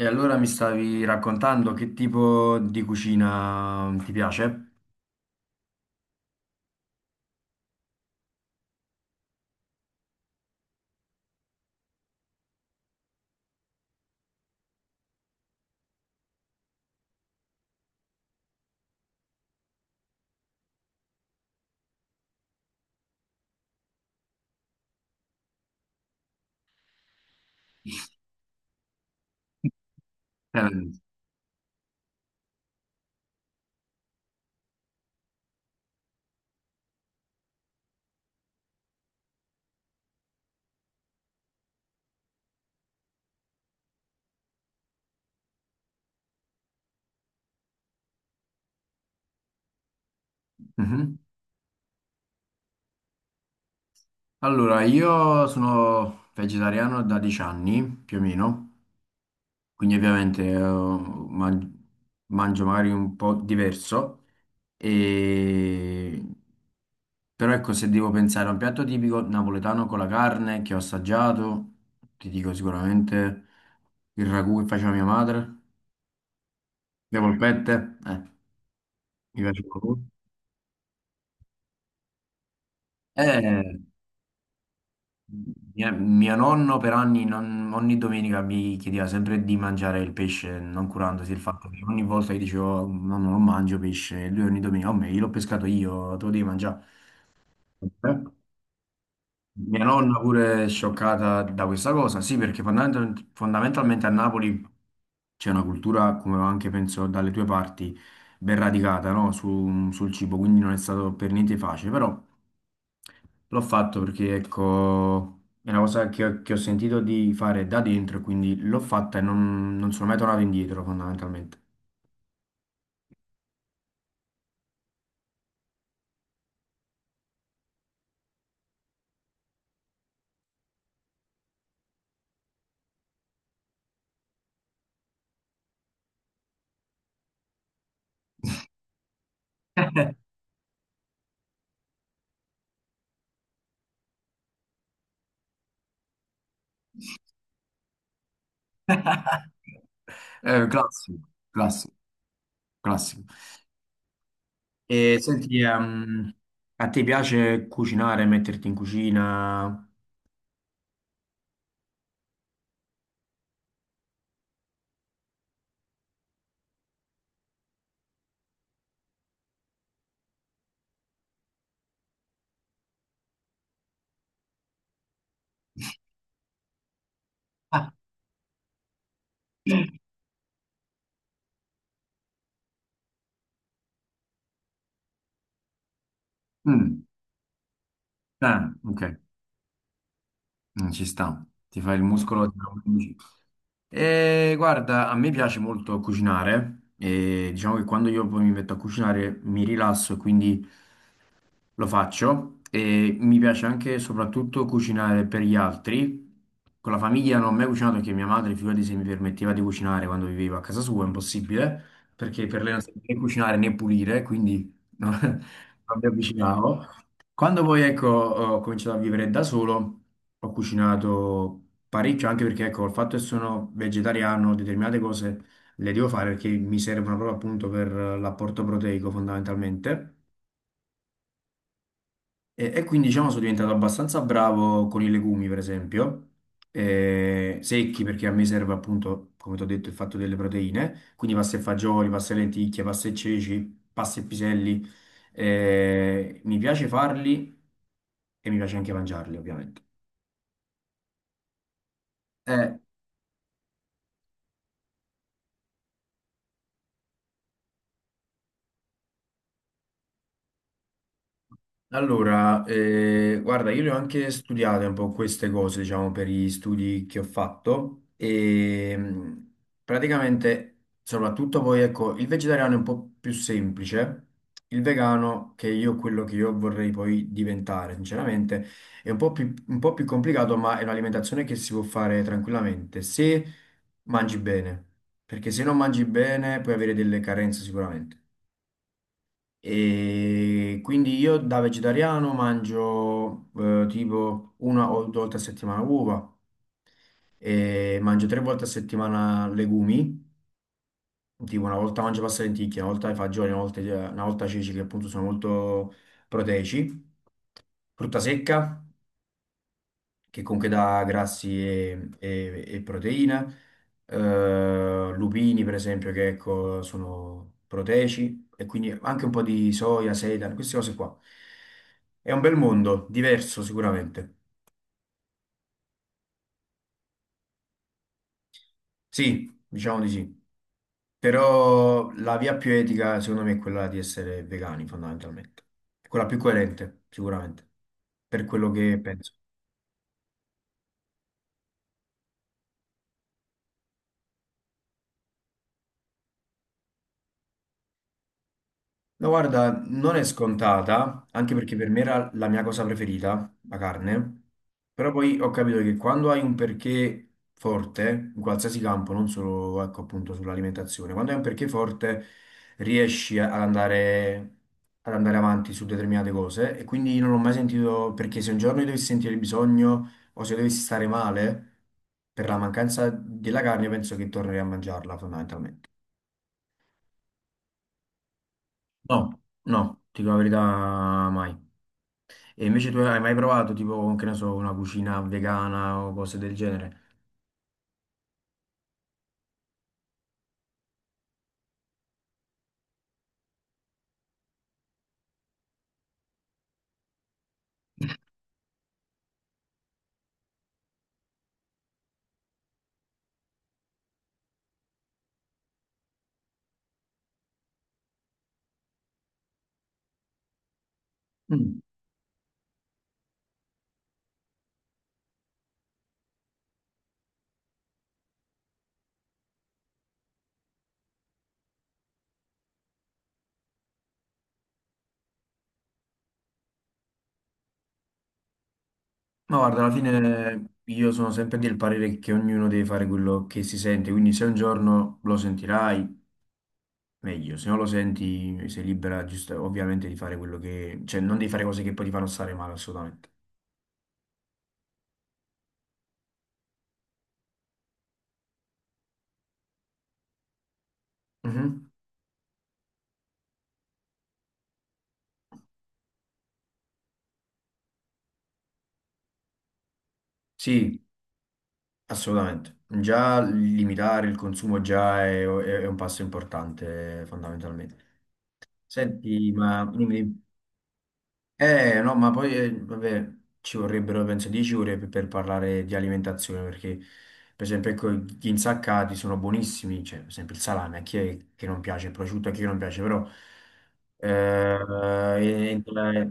E allora mi stavi raccontando che tipo di cucina ti piace? Eh. Mhm. Allora, io sono vegetariano da 10 anni più o meno, quindi ovviamente mangio magari un po' diverso, e... però ecco, se devo pensare a un piatto tipico napoletano con la carne che ho assaggiato, ti dico sicuramente il ragù che faceva mia madre, le polpette, mi piace. Eh, mio nonno per anni, ogni domenica mi chiedeva sempre di mangiare il pesce, non curandosi del fatto che ogni volta gli dicevo nonno non mangio pesce, e lui ogni domenica, oh, me, io l'ho pescato io, te lo devi mangiare. Eh? Mia nonna pure è scioccata da questa cosa, sì, perché fondamentalmente a Napoli c'è una cultura, come anche penso dalle tue parti, ben radicata, no? Sul cibo, quindi non è stato per niente facile, però l'ho fatto perché, ecco, è una cosa che ho sentito di fare da dentro, quindi l'ho fatta e non sono mai tornato indietro, fondamentalmente. Classico, classico, classico. E senti, a te piace cucinare, metterti in cucina? Ah. Mm, ah, ok. Mm, ci sta, ti fai il muscolo. E guarda, a me piace molto cucinare e diciamo che quando io poi mi metto a cucinare mi rilasso e quindi lo faccio, e mi piace anche soprattutto cucinare per gli altri. Con la famiglia non ho mai cucinato perché mia madre, figurati se mi permetteva di cucinare quando vivevo a casa sua, è impossibile, perché per lei non sapevo né cucinare né pulire, quindi no, non mi avvicinavo. Quando poi ecco, ho cominciato a vivere da solo, ho cucinato parecchio, anche perché ecco, il fatto che sono vegetariano, determinate cose le devo fare perché mi servono proprio appunto per l'apporto proteico fondamentalmente. E quindi diciamo sono diventato abbastanza bravo con i legumi, per esempio, secchi perché a me serve appunto, come ti ho detto, il fatto delle proteine, quindi pasta e fagioli, pasta e lenticchie, pasta e ceci, pasta e piselli, mi piace farli e mi piace anche mangiarli, ovviamente. Eh. Allora, guarda, io le ho anche studiate un po' queste cose, diciamo, per gli studi che ho fatto e praticamente, soprattutto poi, ecco, il vegetariano è un po' più semplice, il vegano, che io quello che io vorrei poi diventare, sinceramente, è un po' più complicato, ma è un'alimentazione che si può fare tranquillamente se mangi bene, perché se non mangi bene puoi avere delle carenze sicuramente. E quindi io da vegetariano mangio tipo una o due volte a settimana uova, e mangio tre volte a settimana legumi, tipo una volta mangio pasta e lenticchie, una volta fagioli, una volta ceci che appunto sono molto proteici, frutta secca, che comunque dà grassi e, e proteine, lupini per esempio che ecco, sono proteici e quindi anche un po' di soia, seitan, queste cose qua. È un bel mondo, diverso sicuramente. Sì, diciamo di sì, però la via più etica secondo me è quella di essere vegani fondamentalmente, quella più coerente sicuramente, per quello che penso. No, guarda, non è scontata, anche perché per me era la mia cosa preferita, la carne, però poi ho capito che quando hai un perché forte, in qualsiasi campo, non solo, ecco, appunto sull'alimentazione, quando hai un perché forte riesci ad andare avanti su determinate cose e quindi non ho mai sentito, perché se un giorno io dovessi sentire il bisogno o se dovessi stare male, per la mancanza della carne penso che tornerei a mangiarla fondamentalmente. No, no, ti dico la verità, mai. E invece tu hai mai provato tipo, che ne so, una cucina vegana o cose del genere? Mm. Ma guarda, alla fine io sono sempre del parere che ognuno deve fare quello che si sente, quindi se un giorno lo sentirai, meglio, se non lo senti sei libera ovviamente di fare quello che... cioè non devi fare cose che poi ti fanno stare male, assolutamente. Mhm. Sì, assolutamente. Già limitare il consumo già è, è un passo importante, fondamentalmente. Senti, ma dimmi, dimmi. No, ma poi, vabbè, ci vorrebbero, penso, 10 ore per parlare di alimentazione, perché, per esempio, ecco, gli insaccati sono buonissimi, cioè, per esempio, il salame, a chi è che non piace, il prosciutto, a chi non piace, però, eh, entra-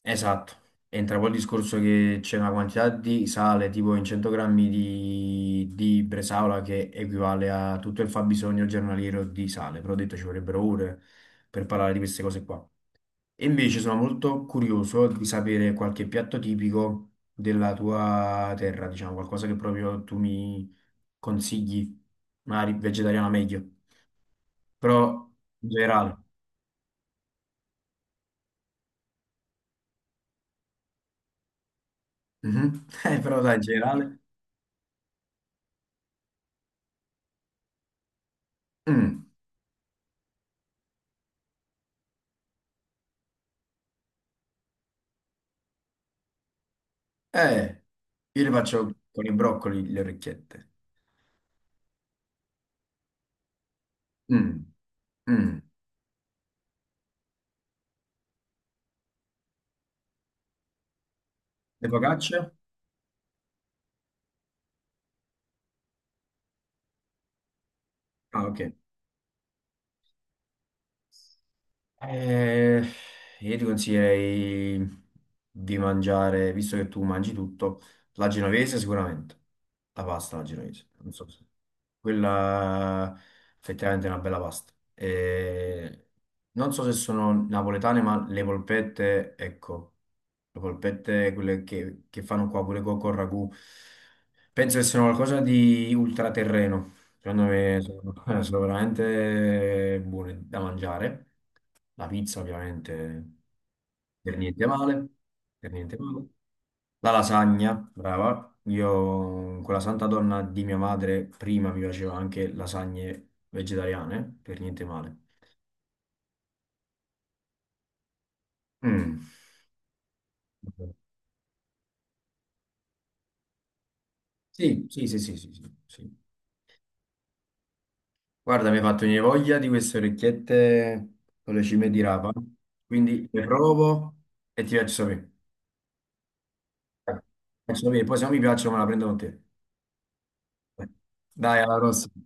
esatto, entra poi il discorso che c'è una quantità di sale, tipo in 100 grammi di bresaola, che equivale a tutto il fabbisogno giornaliero di sale, però ho detto ci vorrebbero ore per parlare di queste cose qua. E invece sono molto curioso di sapere qualche piatto tipico della tua terra, diciamo, qualcosa che proprio tu mi consigli, magari vegetariano meglio, però in generale. Mhm. Però dai, in generale. Mm. Eh, io le faccio con i broccoli le orecchiette. Mm. Mm. Le focacce? Ah, ok. Eh, io ti consiglierei di mangiare, visto che tu mangi tutto, la genovese sicuramente, la pasta alla genovese, non so se... Quella effettivamente è una bella pasta. E non so se sono napoletane, ma le polpette, ecco, le polpette, quelle che fanno qua pure con ragù, penso che siano qualcosa di ultraterreno. Secondo me sono, sono veramente buone da mangiare. La pizza, ovviamente, per niente male, per niente male. La lasagna, brava. Io con la santa donna di mia madre prima mi facevo anche lasagne vegetariane, per niente male. Mm. Sì, sì, sì, sì, sì, sì, sì. Guarda, mi hai fatto venire voglia di queste orecchiette con le cime di rapa, quindi le provo e ti faccio sapere. Ti Faccio sapere, poi se non mi piacciono me la prendo con te. Dai, alla prossima.